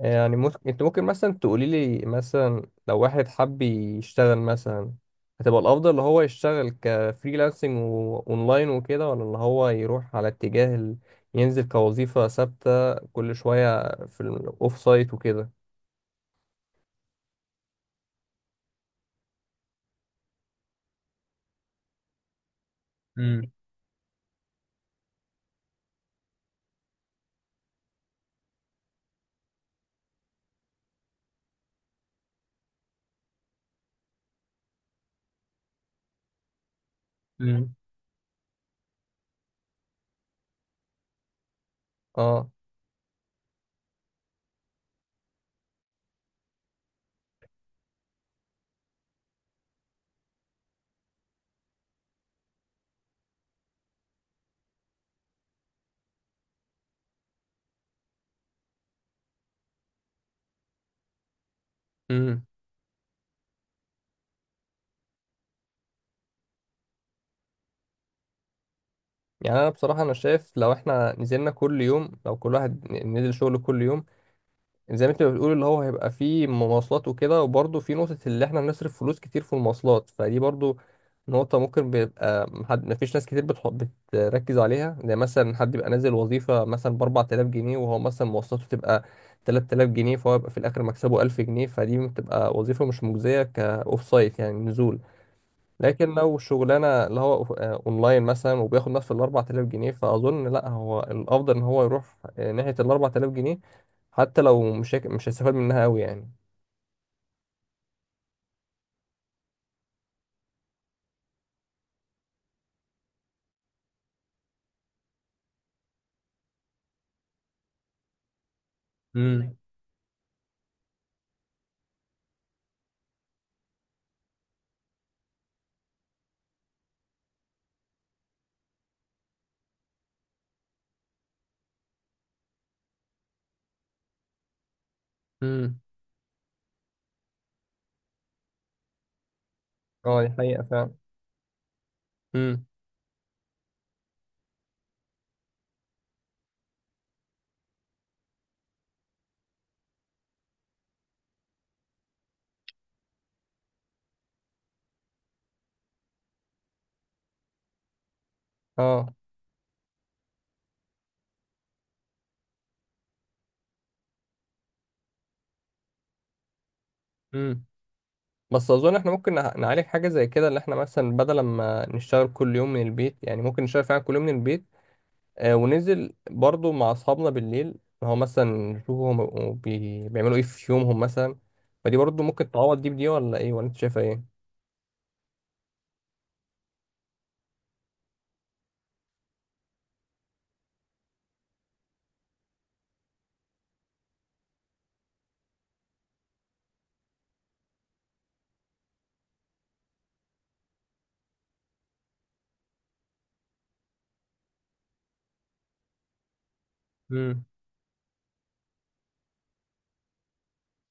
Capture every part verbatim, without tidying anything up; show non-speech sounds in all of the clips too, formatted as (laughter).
يعني ممكن انت ممكن مثلا تقولي لي مثلا، لو واحد حب يشتغل مثلا، هتبقى الافضل اللي هو يشتغل كفريلانسنج واونلاين وكده، ولا اللي هو يروح على اتجاه ال- ينزل كوظيفة ثابتة كل شوية في الاوف سايت وكده؟ امم. امم. اه. امم. يعني انا بصراحة انا شايف، لو احنا نزلنا كل يوم لو كل واحد نزل شغل كل يوم، زي ما انت بتقول اللي هو هيبقى فيه مواصلات وكده. وبرضه في نقطة اللي احنا بنصرف فلوس كتير في المواصلات، فدي برضه نقطة ممكن بيبقى محد، مفيش ناس كتير بتح... بتركز عليها. زي مثلا حد يبقى نازل وظيفة مثلا ب اربع تلاف جنيه، وهو مثلا مواصلاته تبقى ثلاثة آلاف جنيه، فهو يبقى في الآخر مكسبه الف جنيه، فدي بتبقى وظيفة مش مجزية كأوف سايت، يعني نزول. لكن لو شغلانة اللي هو أوف- آه، اونلاين مثلا، وبياخد نفس ال اربعة آلاف جنيه، فاظن لا هو الافضل ان هو يروح آه، ناحية ال اربعة آلاف جنيه، حتى لو مش هيك- مش هيستفاد منها قوي يعني. امم. امم. اه، دي حقيقة فعلا. امم. اه. امم. بس اظن احنا ممكن نع- نعالج حاجه زي كده، اللي احنا مثلا بدل ما نشتغل كل يوم من البيت، يعني ممكن نشتغل فعلا كل يوم من البيت، آه، وننزل برضو مع أصحابنا بالليل، هو مثلا نشوفهم هو بي- بيعملوا إيه في يومهم مثلا. فدي برضو ممكن تعوض دي بدي، ولا إيه، ولا أنت شايفة إيه؟ امم.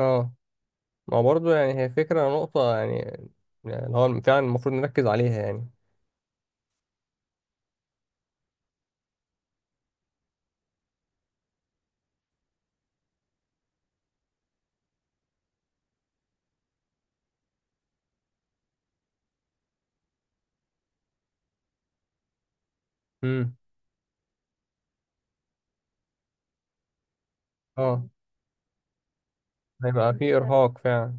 اه. ما هو برضو يعني هي فكرة نقطة يعني يعني اللي هو فعلا المفروض نركز عليها يعني. امم. اه، اه، هيبقى في إرهاق فعلا.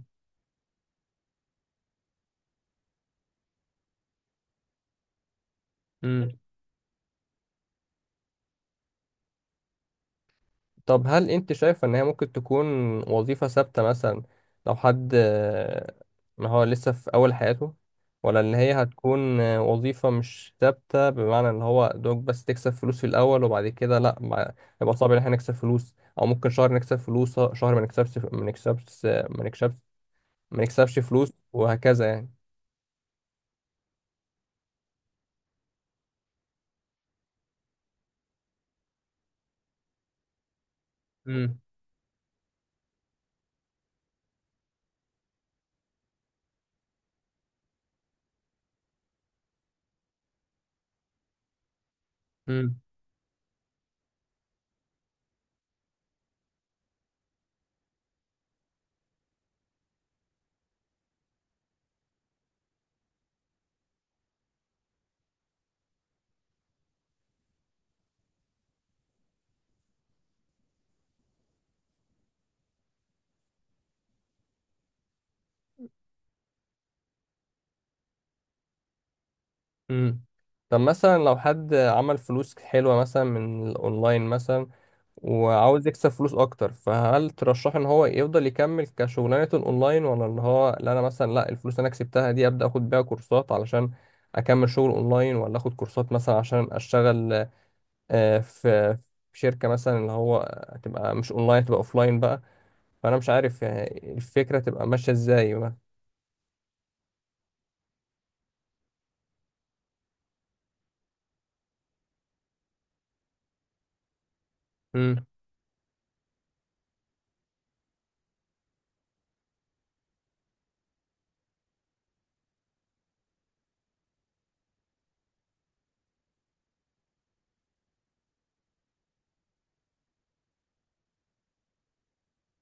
طب هل انت شايفة ان هي ممكن تكون وظيفة ثابتة مثلا، لو حد آه، ما هو لسه في اول حياته، ولا ان هي هتكون آه، وظيفة مش ثابتة، بمعنى ان هو دوك بس تكسب فلوس في الاول، وبعد كده لا ما- يبقى صعب ان احنا نكسب فلوس، او ممكن شهر نكسب فلوس، شهر ما نكسبش، ما نكسبش، ما نكسبش، ما نكسبش فلوس، وهكذا يعني. امم. امم. امم. طب مثلا لو حد عمل فلوس حلوة مثلا من الاونلاين مثلا، وعاوز يكسب فلوس اكتر، فهل ترشح ان هو يفضل يكمل كشغلانة اونلاين، ولا اللي هو لا، انا مثلا لا، الفلوس اللي انا كسبتها دي ابدا اخد بيها كورسات علشان اكمل شغل اونلاين، ولا اخد كورسات مثلا عشان اشتغل آه، في في شركة مثلا، اللي هو تبقى مش اونلاين، تبقى اوفلاين بقى. فانا مش عارف يعني الفكرة تبقى ماشية ازاي بقى. مم.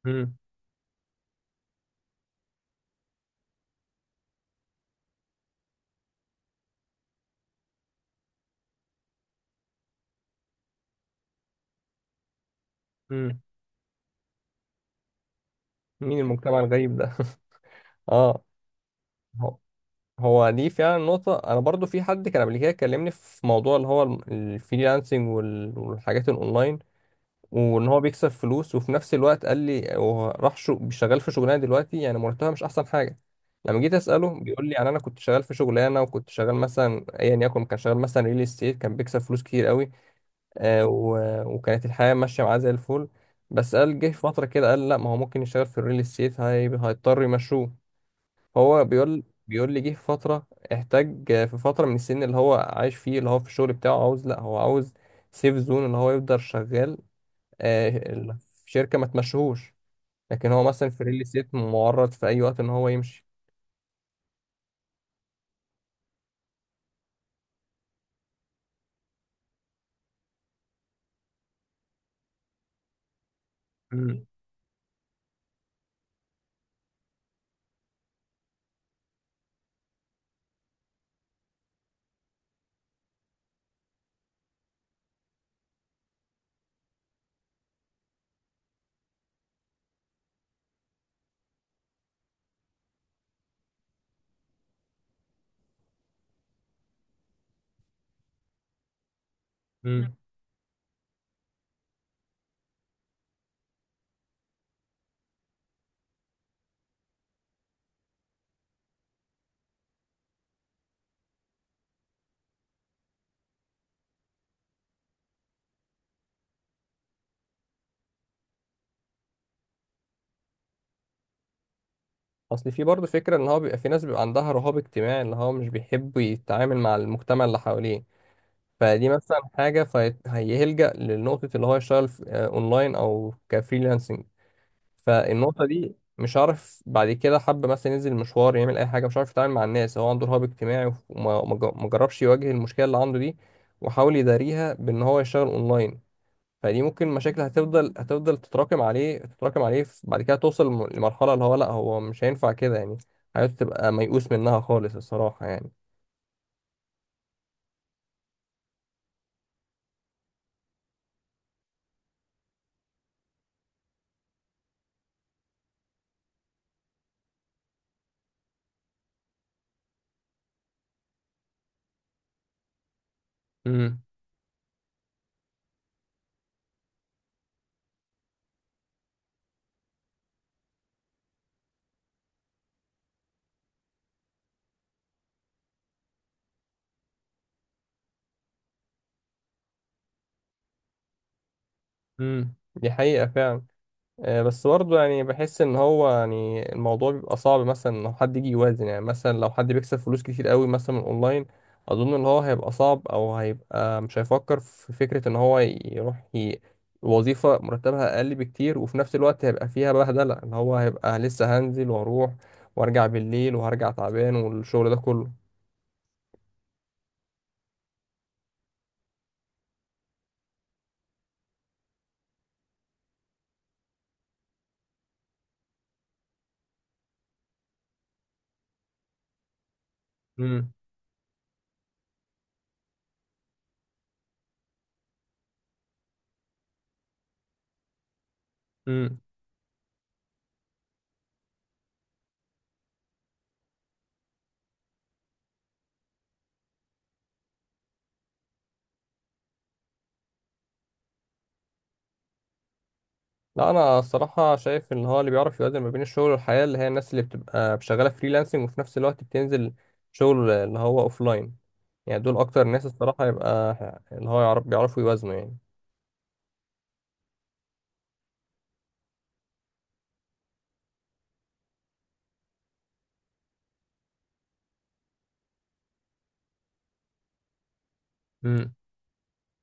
مم. مم. مين المجتمع الغريب ده؟ (laughs) اه. هو دي فعلا نقطة. أنا برضو في حد كان قبل كده كلمني في موضوع اللي هو ال- الفريلانسنج وال- والحاجات الأونلاين، وإن هو بيكسب فلوس، وفي نفس الوقت قال لي هو راح شو شغال في شغلانة دلوقتي، يعني مرتبها مش أحسن حاجة. لما جيت أسأله بيقول لي يعني أنا كنت شغال في شغلانة، وكنت شغال مثلا أيا يكن، كان شغال مثلا ريل استيت، كان بيكسب فلوس كتير قوي، آه و... وكانت الحياة ماشية معاه زي الفل. بس قال جه في فترة كده، قال لا ما هو ممكن يشتغل في الريل استيت، هي... هيضطر يمشوه. هو بيقول بيقول لي جه في فترة، احتاج في فترة من السن اللي هو عايش فيه، اللي هو في الشغل بتاعه، عاوز لا هو عاوز سيف زون، اللي هو يفضل شغال آه، ال- في شركة ما تمشيهوش، لكن هو مثلا في ريل استيت معرض في أي وقت إن هو يمشي. مم. مم. أصل في برضه فكرة إن هو بيبقى في ناس بيبقى عندها رهاب اجتماعي، اللي هو مش بيحب يتعامل مع المجتمع اللي حواليه، فدي مثلا حاجة، فهيلجأ لنقطة اللي هو يشتغل في- آه، أونلاين أو كفريلانسنج. فالنقطة دي مش عارف، بعد كده حب مثلا ينزل مشوار يعمل أي حاجة، مش عارف يتعامل مع الناس، هو عنده رهاب اجتماعي، وما ما جا- ما جربش يواجه المشكلة اللي عنده دي، وحاول يداريها بإن هو يشتغل أونلاين، فدي ممكن مشاكل هتفضل هتفضل تتراكم عليه، تتراكم عليه، ف- بعد كده توصل لم- لمرحلة اللي هو لأ، هو مش هينفع كده يعني، حياته تبقى ميؤوس منها خالص الصراحة يعني. امم. امم، دي حقيقة فعلا. آه، بس برضه يعني بحس ان هو يعني الموضوع بيبقى صعب مثلا ان حد يجي يوازن، يعني مثلا لو حد بيكسب فلوس كتير قوي مثلا من اونلاين، اظن ان هو هيبقى صعب، او هيبقى مش هيفكر في فكرة ان هو يروح ي... وظيفة مرتبها اقل بكتير، وفي نفس الوقت هيبقى فيها بهدلة، ان هو هيبقى لسه هنزل واروح وارجع بالليل، وهرجع تعبان، والشغل ده كله. امم. لا، انا الصراحه شايف ان هو اللي بيعرف يوازن ما بين الشغل والحياه، اللي هي الناس اللي بتبقى شغاله فريلانسنج، وفي نفس الوقت بتنزل شغل اللي هو لاين، يعني دول اكتر ناس الصراحه يبقى اللي هو يعرف بيعرفوا يوازنوا يعني. امم.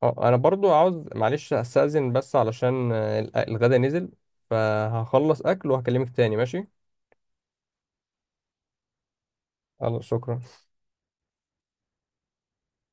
اه، انا برضو عاوز معلش استأذن، بس علشان آه، الغدا نزل، فهخلص اكل وهكلمك تاني، ماشي؟ خلاص، شكرا.